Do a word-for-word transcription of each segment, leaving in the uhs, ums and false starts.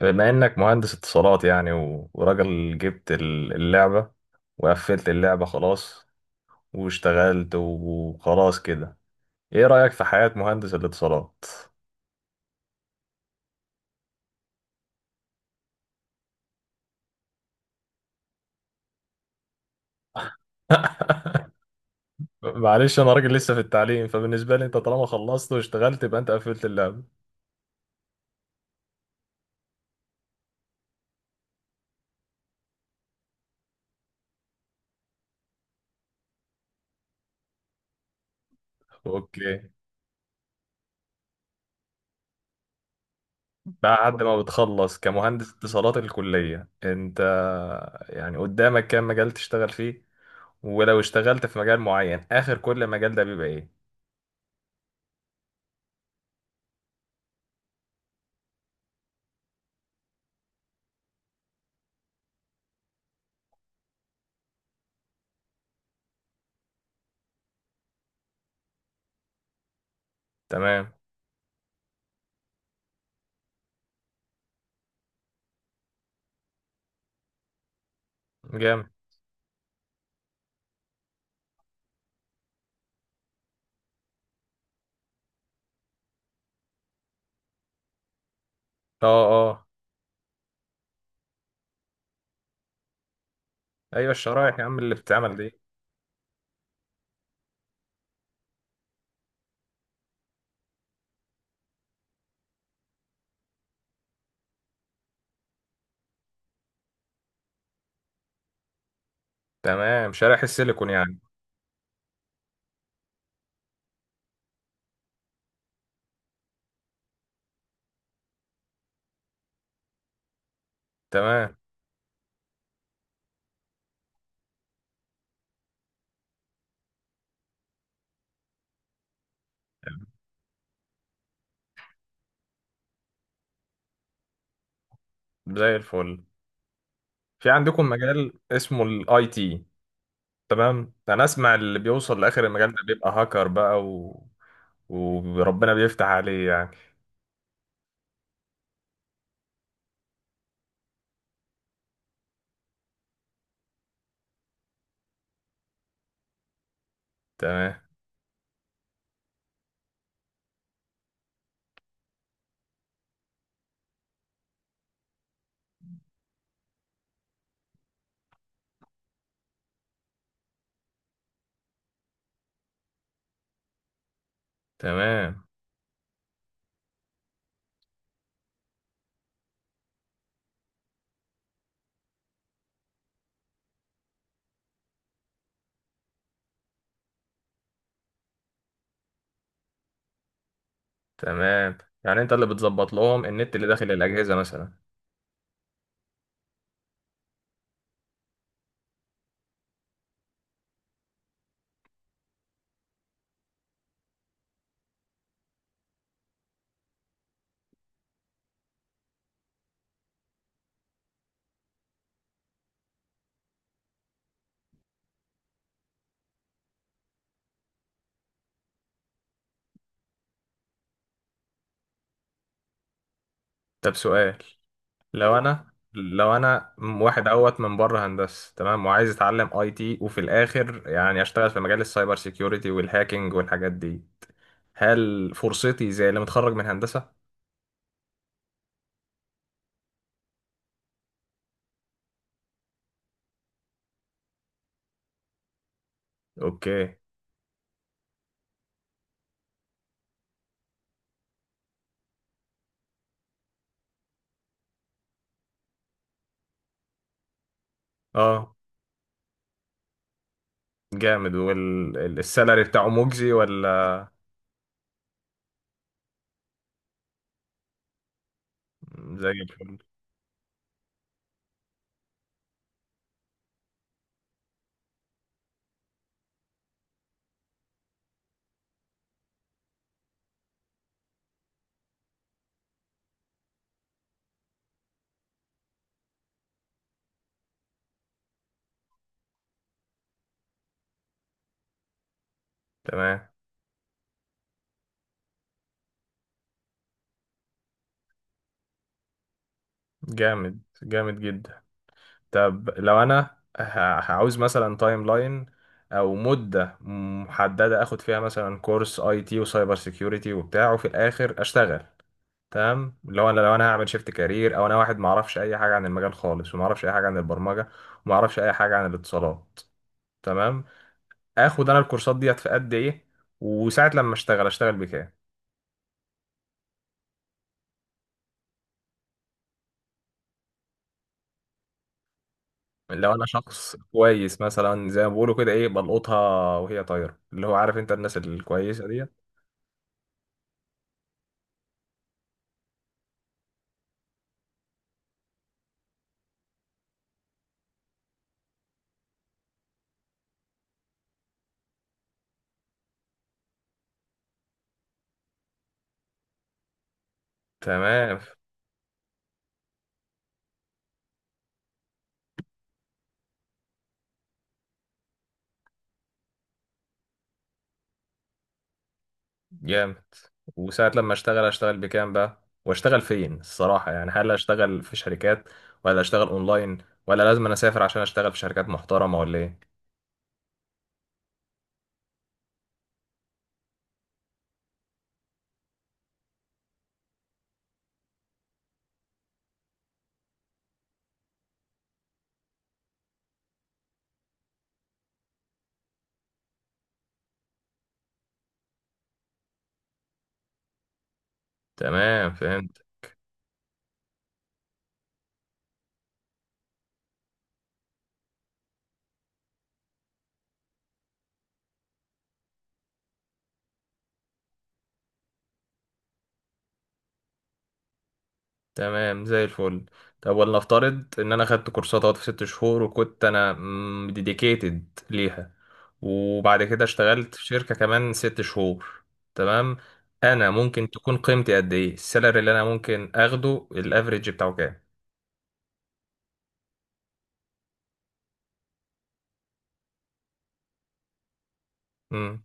بما انك مهندس اتصالات يعني و- وراجل جبت ال- اللعبة وقفلت اللعبة خلاص واشتغلت وخلاص كده. ايه رأيك في حياة مهندس الاتصالات؟ معلش انا راجل لسه في التعليم، فبالنسبة لي انت طالما خلصت واشتغلت يبقى انت قفلت اللعبة. اوكي. بعد ما بتخلص كمهندس اتصالات الكلية، انت يعني قدامك كام مجال تشتغل فيه؟ ولو اشتغلت في مجال معين، اخر كل مجال ده بيبقى ايه؟ تمام. جامد. اه، اه. ايوه الشرايح يا عم اللي بتتعمل دي. تمام، شرايح السيليكون يعني. تمام. زي الفل. في عندكم مجال اسمه الاي تي؟ تمام. انا اسمع اللي بيوصل لاخر المجال ده بيبقى هاكر بقى و... وربنا بيفتح عليه يعني. تمام، تمام، تمام. يعني انت اللي بتظبط لهم النت اللي داخل الاجهزه مثلا؟ طب سؤال، لو انا لو انا واحد اوت من بره هندسه، تمام، وعايز اتعلم اي تي، وفي الاخر يعني اشتغل في مجال السايبر سيكيورتي والهاكينج والحاجات دي، هل فرصتي زي اللي متخرج من هندسه؟ اوكي. اه. جامد. والسالري بتاعه مجزي ولا؟ زي الفل. تمام. جامد، جامد جدا. طب لو انا ه- هعوز مثلا تايم لاين او مده محدده اخد فيها مثلا كورس اي تي وسايبر سيكيورتي وبتاع، وفي الاخر اشتغل. تمام. لو انا لو انا هعمل شيفت كارير، او انا واحد ما اعرفش اي حاجه عن المجال خالص وما اعرفش اي حاجه عن البرمجه وما اعرفش اي حاجه عن الاتصالات. تمام. اخد انا الكورسات ديت في قد ايه؟ وساعه لما اشتغل اشتغل بكام؟ لو انا شخص كويس مثلا زي ما بيقولوا كده، ايه، بلقطها وهي طايره، اللي هو عارف انت، الناس الكويسه ديت. تمام. جامد. وساعه لما اشتغل اشتغل بكام بقى؟ واشتغل فين الصراحه يعني؟ هل اشتغل في شركات ولا اشتغل اونلاين؟ ولا لازم انا اسافر عشان اشتغل في شركات محترمه ولا ايه؟ تمام، فهمت. تمام، زي الفل. طب ولنفترض ان انا خدت كورسات اهوت في ست شهور وكنت انا ديديكيتد ليها، وبعد كده اشتغلت في شركة كمان ست شهور. تمام. انا ممكن تكون قيمتي قد ايه؟ السالري اللي انا ممكن اخده الافريج بتاعه كام؟ امم.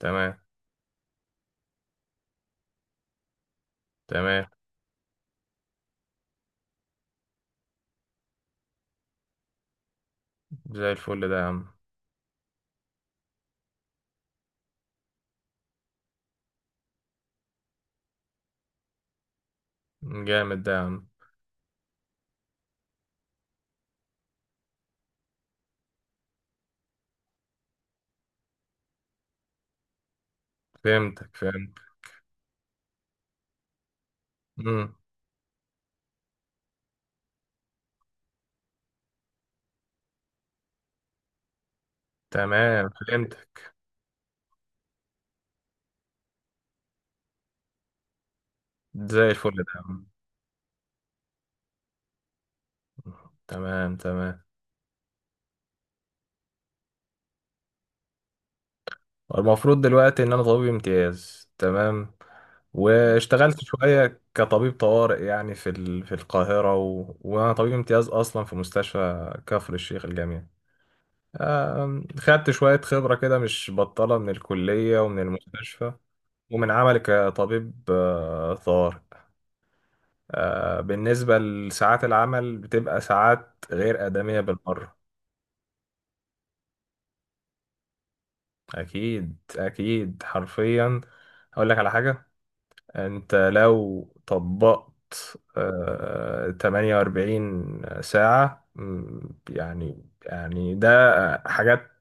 تمام، تمام. زي الفل ده يا عم. جامد ده يا عم. فهمتك، فهمت. امم. تمام، فهمتك. زي الفل ده يا عم. تمام، تمام. المفروض دلوقتي ان انا طبيب امتياز، تمام، واشتغلت شوية كطبيب طوارئ يعني في ال... في القاهرة، و... وانا طبيب امتياز اصلا في مستشفى كفر الشيخ الجامعي. آم، خدت شوية خبرة كده مش بطالة من الكلية ومن المستشفى ومن عملي كطبيب آه، طوارئ. آه، بالنسبة لساعات العمل بتبقى ساعات غير آدمية بالمرة. أكيد، أكيد، حرفيا. أقول لك على حاجة. انت لو طبقت آه، ثمانية وأربعين ساعة، مم، يعني يعني ده آه، حاجات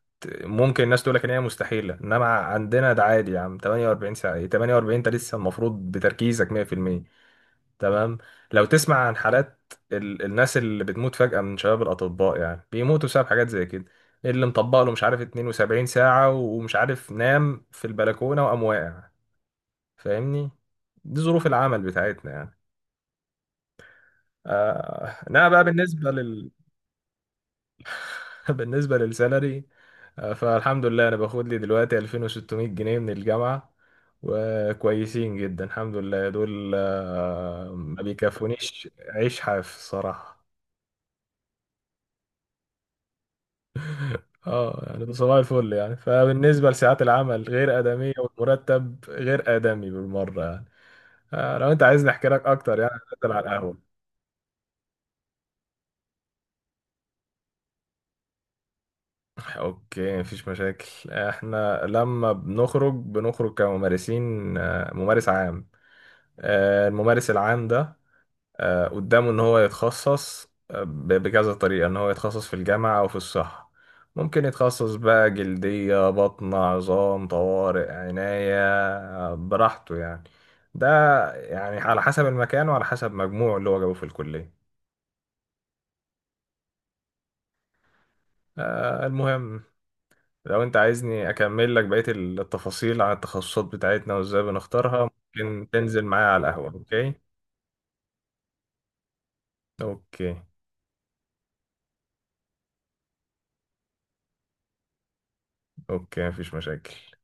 ممكن الناس تقول لك ان هي مستحيلة، انما عندنا ده عادي يا عم. ثمانية وأربعين ساعة، إيه ثمانية وأربعين؟ انت لسه المفروض بتركيزك مية في المية. تمام. لو تسمع عن حالات ال- الناس اللي بتموت فجأة من شباب الأطباء، يعني بيموتوا بسبب حاجات زي كده، اللي مطبق له مش عارف اتنين وسبعين ساعة ومش عارف نام في البلكونة وقام واقع. فاهمني؟ دي ظروف العمل بتاعتنا يعني. آه انا بقى بالنسبه لل بالنسبه للسالري، آه فالحمد لله انا باخد لي دلوقتي ألفين وستمئة جنيه من الجامعه وكويسين جدا الحمد لله دول. آه ما بيكفونيش عيش حاف الصراحه. اه، يعني ده صباح الفل يعني. فبالنسبه لساعات العمل غير ادميه، والمرتب غير ادمي بالمره يعني. آه لو انت عايزني احكي لك اكتر يعني، نتكلم على القهوه. اوكي، مفيش مشاكل. احنا لما بنخرج بنخرج كممارسين، آه، ممارس عام. آه، الممارس العام ده آه، قدامه ان هو يتخصص آه، ب- بكذا طريقة، ان هو يتخصص في الجامعة او في الصحة. ممكن يتخصص بقى جلدية، بطن، عظام، طوارئ، عناية، آه، براحته يعني. ده يعني على حسب المكان وعلى حسب مجموعه اللي هو جابه في الكلية. آه، المهم، لو انت عايزني اكمل لك بقية التفاصيل عن التخصصات بتاعتنا وازاي بنختارها، ممكن تنزل معايا على القهوة. اوكي. اوكي اوكي مفيش مشاكل.